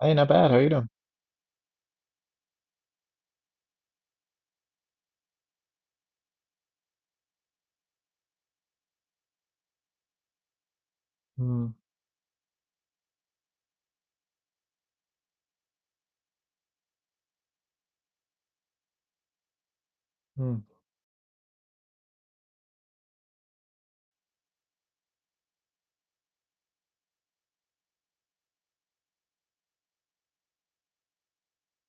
Hey, not bad. How you doing? Mm. Mm.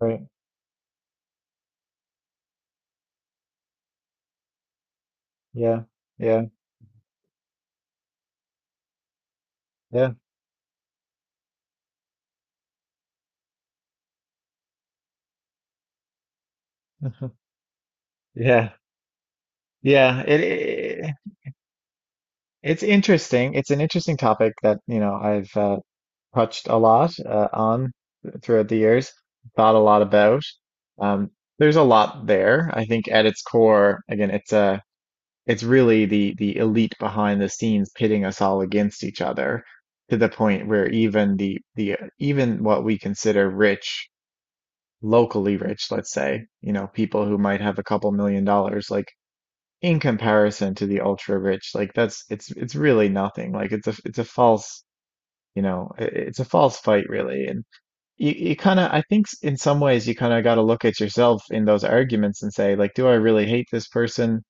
Right. Yeah. Yeah. Yeah. Yeah. Yeah. It's interesting. It's an interesting topic that, I've touched a lot on throughout the years, thought a lot about. Um, there's a lot there. I think at its core, again, it's really the elite behind the scenes pitting us all against each other to the point where even the even what we consider rich, locally rich, let's say, people who might have a couple million dollars, like in comparison to the ultra rich, like that's it's really nothing. Like it's a false, it's a false fight really. And you kind of I think in some ways you kind of got to look at yourself in those arguments and say like, do I really hate this person?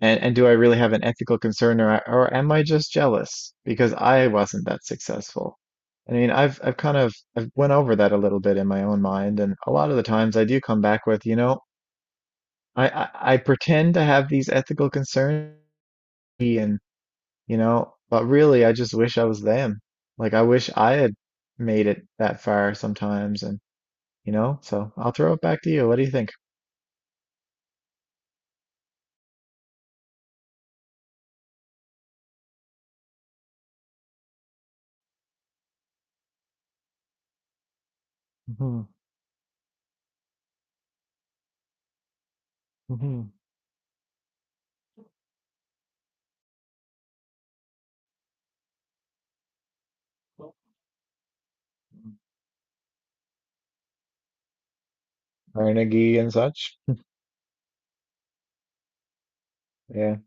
And do I really have an ethical concern or am I just jealous because I wasn't that successful? I mean, I've kind of I've went over that a little bit in my own mind, and a lot of the times I do come back with, I pretend to have these ethical concerns and but really I just wish I was them. Like I wish I had made it that far sometimes and so I'll throw it back to you. What do you think? Hmm. Hmm. Carnegie and such. Yeah.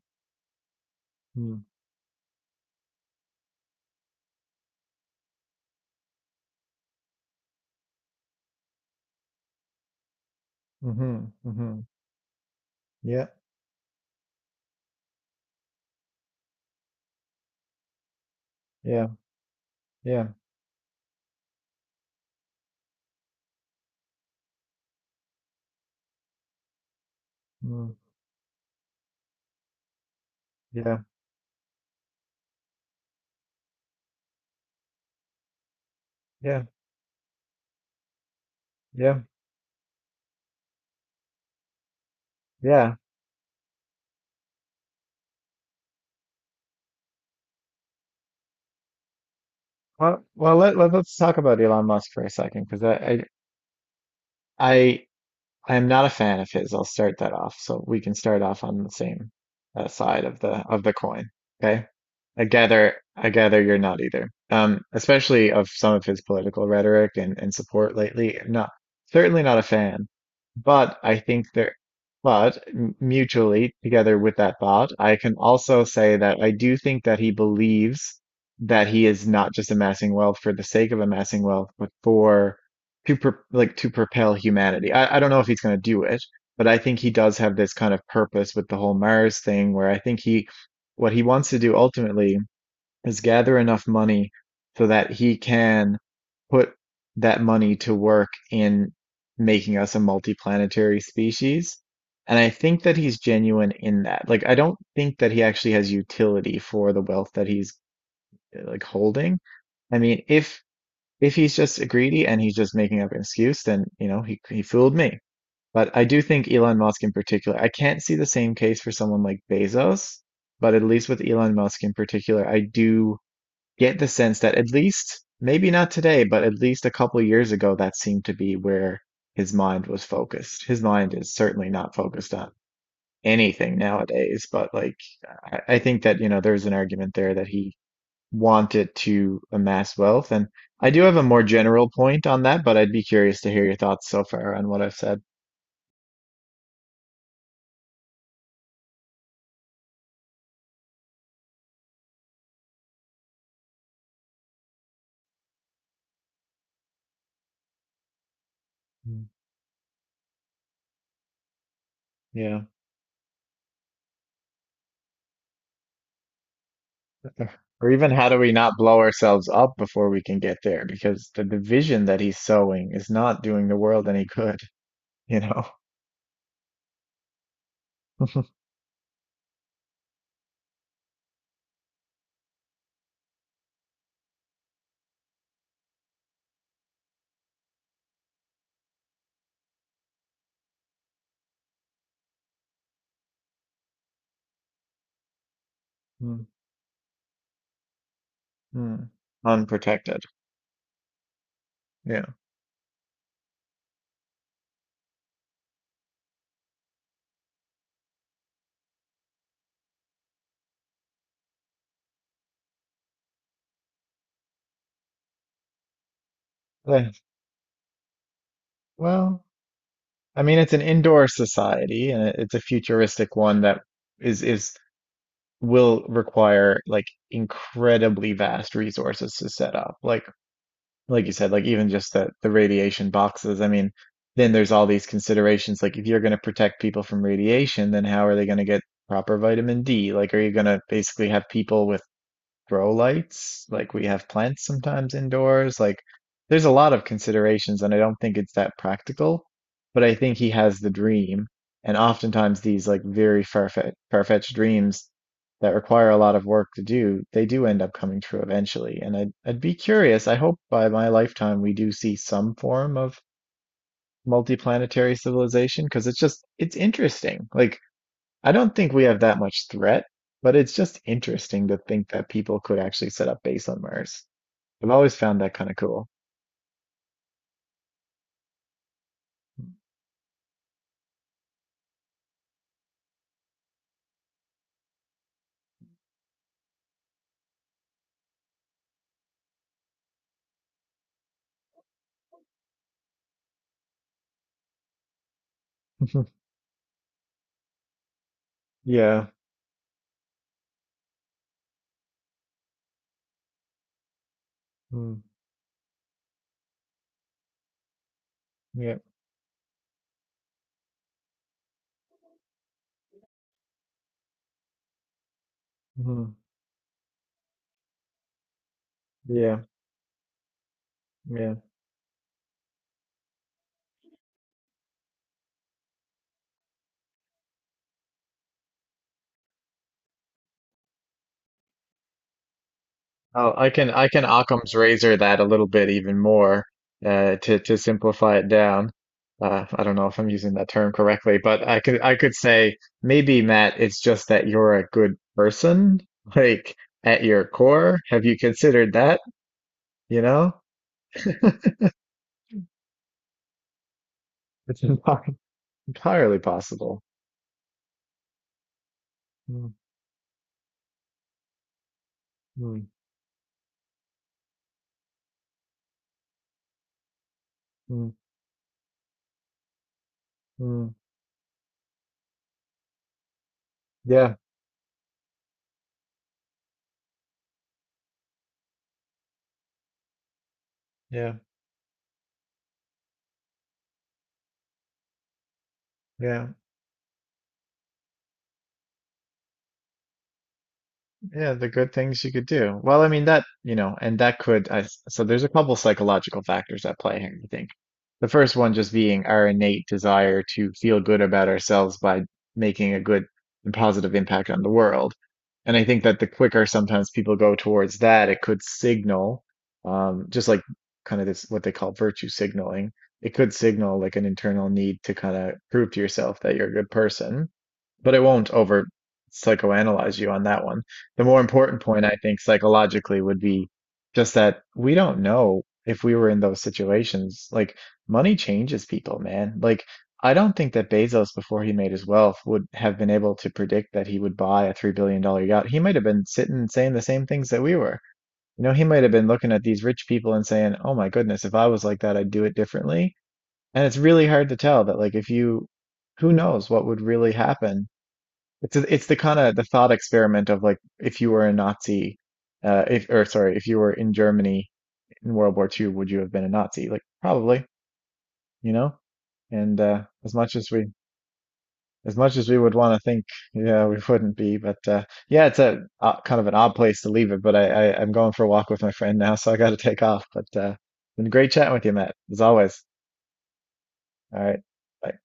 Mhm, mhm. Yeah, yeah, yeah, mm, yeah, yeah, yeah, yeah. Well, let's talk about Elon Musk for a second, because I I I am not a fan of his. I'll start that off. So we can start off on the same side of the coin. Okay. I gather you're not either. Especially of some of his political rhetoric and support lately. Not Certainly not a fan. But I think mutually together with that thought, I can also say that I do think that he believes that he is not just amassing wealth for the sake of amassing wealth, but for to pro like to propel humanity. I don't know if he's going to do it, but I think he does have this kind of purpose with the whole Mars thing, where I think he what he wants to do ultimately is gather enough money so that he can put that money to work in making us a multiplanetary species. And I think that he's genuine in that. Like, I don't think that he actually has utility for the wealth that he's like holding. I mean, if he's just a greedy and he's just making up an excuse, then you know he fooled me. But I do think Elon Musk in particular, I can't see the same case for someone like Bezos, but at least with Elon Musk in particular, I do get the sense that at least maybe not today, but at least a couple of years ago, that seemed to be where his mind was focused. His mind is certainly not focused on anything nowadays, but like I think that, there's an argument there that he want it to amass wealth. And I do have a more general point on that, but I'd be curious to hear your thoughts so far on what I've said. Mm. Yeah. Or even how do we not blow ourselves up before we can get there? Because the division that he's sowing is not doing the world any good, you know? Mm. Mm. Unprotected. Yeah. Eh, well, I mean, it's an indoor society and it's a futuristic one that is will require like incredibly vast resources to set up. Like you said, like even just the radiation boxes. I mean, then there's all these considerations. Like if you're going to protect people from radiation, then how are they going to get proper vitamin D? Like are you going to basically have people with grow lights. Like we have plants sometimes indoors. Like there's a lot of considerations, and I don't think it's that practical. But I think he has the dream, and oftentimes these like very far-fetched dreams that require a lot of work to do, they do end up coming true eventually. And I'd be curious. I hope by my lifetime we do see some form of multiplanetary civilization because it's interesting. Like I don't think we have that much threat, but it's just interesting to think that people could actually set up base on Mars. I've always found that kind of cool. Yeah. Mm. Yeah. Mhm. Yeah. Yeah. Oh, I can Occam's razor that a little bit even more to simplify it down. I don't know if I'm using that term correctly, but I could say maybe Matt, it's just that you're a good person, like at your core. Have you considered that? You know? It's an Entirely possible. Mm. Mm. Mm. Mm. Yeah, yeah, yeah. Yeah, the good things you could do. Well, I mean that, and that could I s- so there's a couple psychological factors at play here, I think. The first one just being our innate desire to feel good about ourselves by making a good and positive impact on the world. And I think that the quicker sometimes people go towards that, it could signal, just like kind of this what they call virtue signaling. It could signal like an internal need to kind of prove to yourself that you're a good person, but it won't over psychoanalyze you on that one. The more important point, I think, psychologically would be just that we don't know if we were in those situations. Like, money changes people, man. Like, I don't think that Bezos, before he made his wealth, would have been able to predict that he would buy a $3 billion dollar yacht. He might have been sitting and saying the same things that we were. You know, he might have been looking at these rich people and saying, oh my goodness, if I was like that, I'd do it differently. And it's really hard to tell that, like, if you, who knows what would really happen. It's the kind of the thought experiment of like if you were a Nazi, if or sorry, if you were in Germany in World War II, would you have been a Nazi? Like probably, you know. And as much as we as much as we would want to think, yeah, we wouldn't be. But yeah, it's a kind of an odd place to leave it. But I'm going for a walk with my friend now, so I got to take off. But been great chatting with you, Matt, as always. All right, bye.